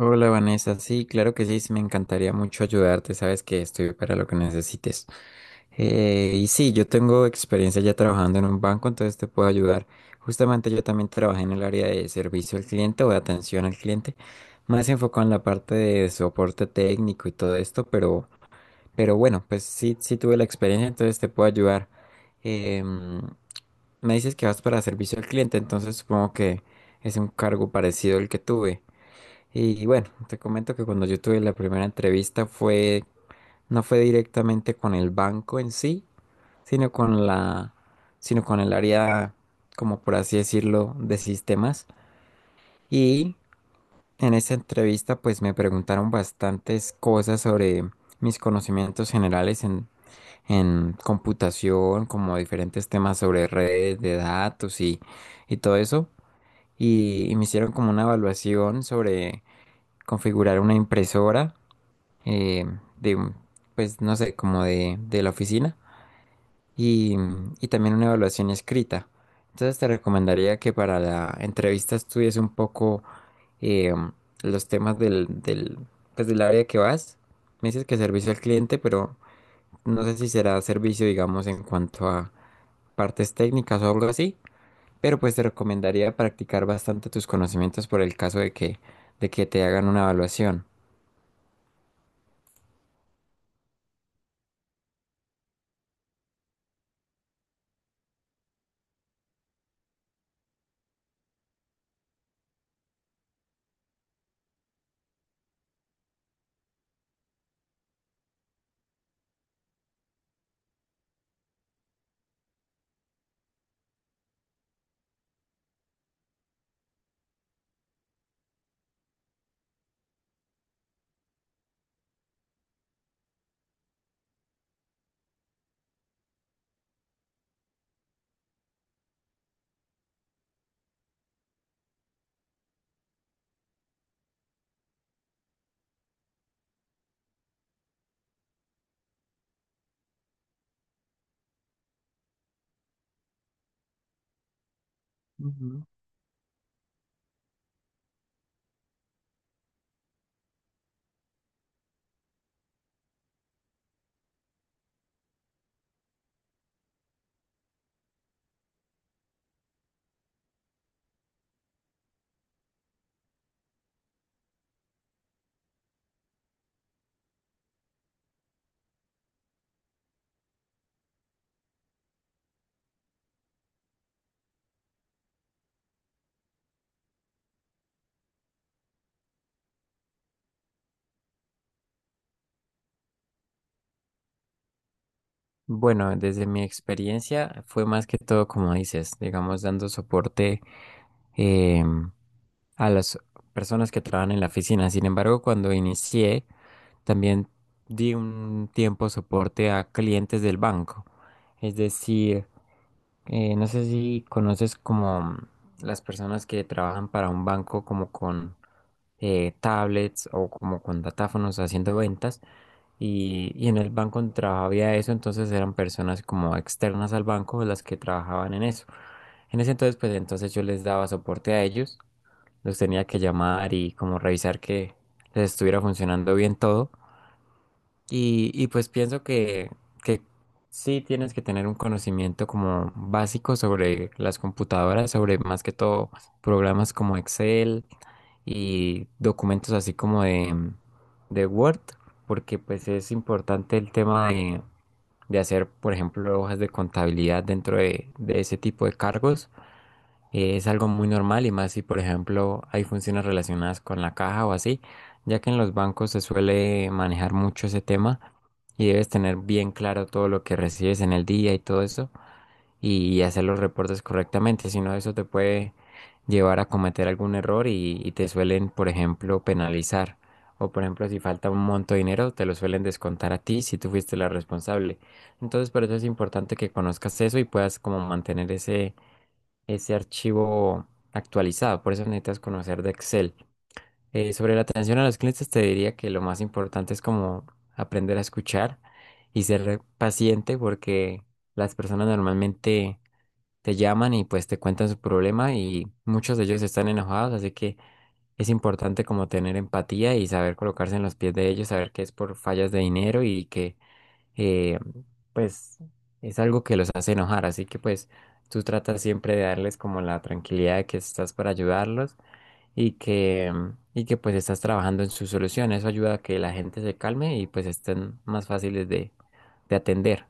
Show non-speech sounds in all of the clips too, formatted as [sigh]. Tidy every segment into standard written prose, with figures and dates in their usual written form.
Hola Vanessa, sí, claro que sí, sí, me encantaría mucho ayudarte, sabes que estoy para lo que necesites. Y sí, yo tengo experiencia ya trabajando en un banco, entonces te puedo ayudar. Justamente yo también trabajé en el área de servicio al cliente o de atención al cliente, más enfocado en la parte de soporte técnico y todo esto, pero bueno, pues sí, sí tuve la experiencia, entonces te puedo ayudar. Em, Me dices que vas para servicio al cliente, entonces supongo que es un cargo parecido al que tuve. Y bueno, te comento que cuando yo tuve la primera entrevista fue, no fue directamente con el banco en sí, sino con la, sino con el área, como por así decirlo, de sistemas. Y en esa entrevista, pues me preguntaron bastantes cosas sobre mis conocimientos generales en computación, como diferentes temas sobre redes de datos y todo eso. Y me hicieron como una evaluación sobre configurar una impresora eh, de, un- pues no sé, como de la oficina y, y también una evaluación escrita. Entonces te recomendaría que para la entrevista estudies un poco eh, los temas pues, del área que vas. Me dices que servicio al cliente, pero no sé si será servicio, digamos, en cuanto a partes técnicas o algo así. Pero pues te recomendaría practicar bastante tus conocimientos por el caso de que te hagan una evaluación. Bueno, desde mi experiencia fue más que todo como dices, digamos, dando soporte em, a las personas que trabajan en la oficina. Sin embargo, cuando inicié, también di un tiempo soporte a clientes del banco. Es decir, no sé si conoces como las personas que trabajan para un banco como con tablets o como con datáfonos haciendo ventas. Y en el banco donde trabajaba había eso, entonces eran personas como externas al banco las que trabajaban en eso. En ese entonces, pues entonces yo les daba soporte a ellos, los tenía que llamar y como revisar que les estuviera funcionando bien todo. Y pues pienso que sí tienes que tener un conocimiento como básico sobre las computadoras, sobre más que todo programas como Excel, y documentos así como de Word, porque pues es importante el tema de hacer, por ejemplo, hojas de contabilidad dentro de ese tipo de cargos. Es algo muy normal y más si, por ejemplo, hay funciones relacionadas con la caja o así, ya que en los bancos se suele manejar mucho ese tema y debes tener bien claro todo lo que recibes en el día y todo eso y hacer los reportes correctamente, si no eso te puede llevar a cometer algún error y te suelen, por ejemplo, penalizar. O por ejemplo, si falta un monto de dinero, te lo suelen descontar a ti si tú fuiste la responsable. Entonces, por eso es importante que conozcas eso y puedas como mantener ese archivo actualizado. Por eso necesitas conocer de Excel. Sobre la atención a los clientes, te diría que lo más importante es como aprender a escuchar y ser paciente porque las personas normalmente te llaman y pues te cuentan su problema y muchos de ellos están enojados, así que es importante como tener empatía y saber colocarse en los pies de ellos, saber que es por fallas de dinero y que eh, pues es algo que los hace enojar, así que pues tú tratas siempre de darles como la tranquilidad de que estás para ayudarlos y que, y que pues estás trabajando en su solución, eso ayuda a que la gente se calme y pues estén más fáciles de atender.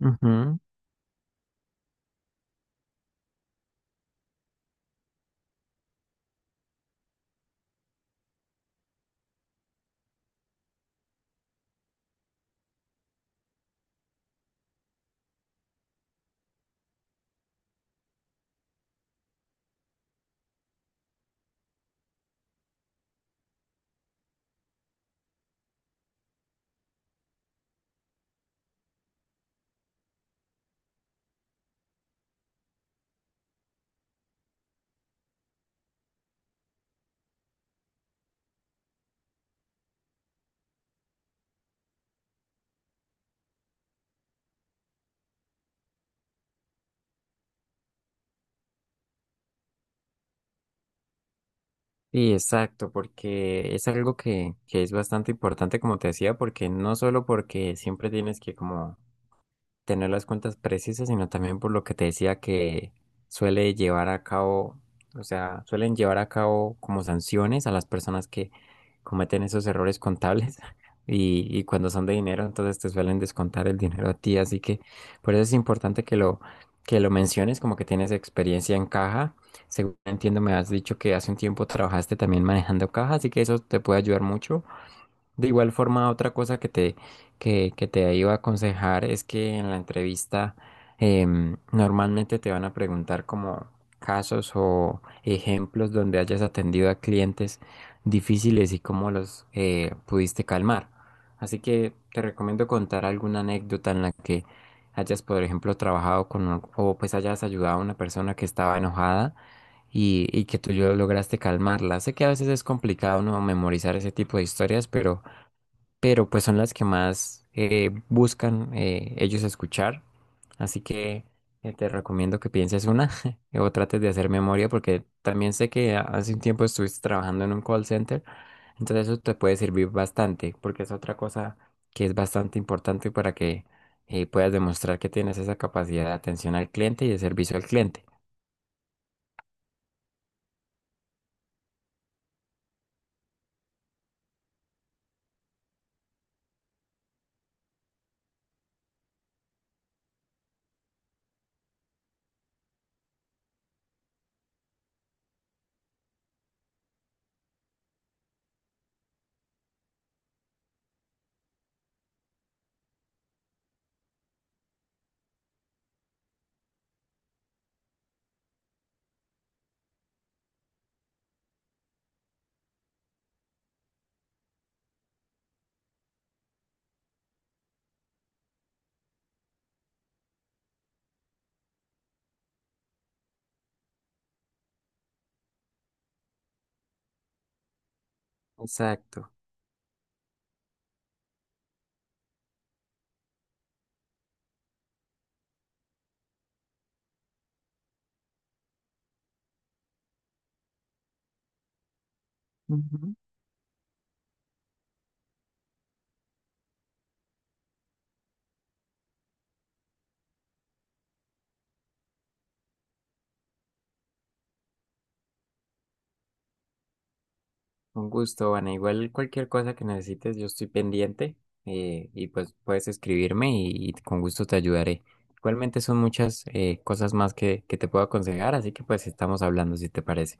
Ujú. Sí, exacto, porque es algo que es bastante importante, como te decía, porque no solo porque siempre tienes que como tener las cuentas precisas, sino también por lo que te decía que suele llevar a cabo, o sea, suelen llevar a cabo como sanciones a las personas que cometen esos errores contables [laughs] y cuando son de dinero, entonces te suelen descontar el dinero a ti, así que por eso es importante que lo menciones, como que tienes experiencia en caja. Según entiendo, me has dicho que hace un tiempo trabajaste también manejando caja, así que eso te puede ayudar mucho. De igual forma, otra cosa que te iba a aconsejar es que en la entrevista normalmente te van a preguntar como casos o ejemplos donde hayas atendido a clientes difíciles y cómo los pudiste calmar. Así que te recomiendo contar alguna anécdota en la que hayas, por ejemplo, trabajado con un- o pues hayas ayudado a una persona que estaba enojada y que tú yo lograste calmarla. Sé que a veces es complicado no memorizar ese tipo de historias, pero pues son las que más buscan ellos escuchar. Así que te recomiendo que pienses una [laughs] o trates de hacer memoria porque también sé que hace un tiempo estuviste trabajando en un call center, entonces eso te puede servir bastante porque es otra cosa que es bastante importante para que puedas demostrar que tienes esa capacidad de atención al cliente y de servicio al cliente. Exacto. Un gusto, Ana. Igual cualquier cosa que necesites, yo estoy pendiente y pues puedes escribirme y con gusto te ayudaré. Igualmente son muchas cosas más que te puedo aconsejar, así que pues estamos hablando si te parece.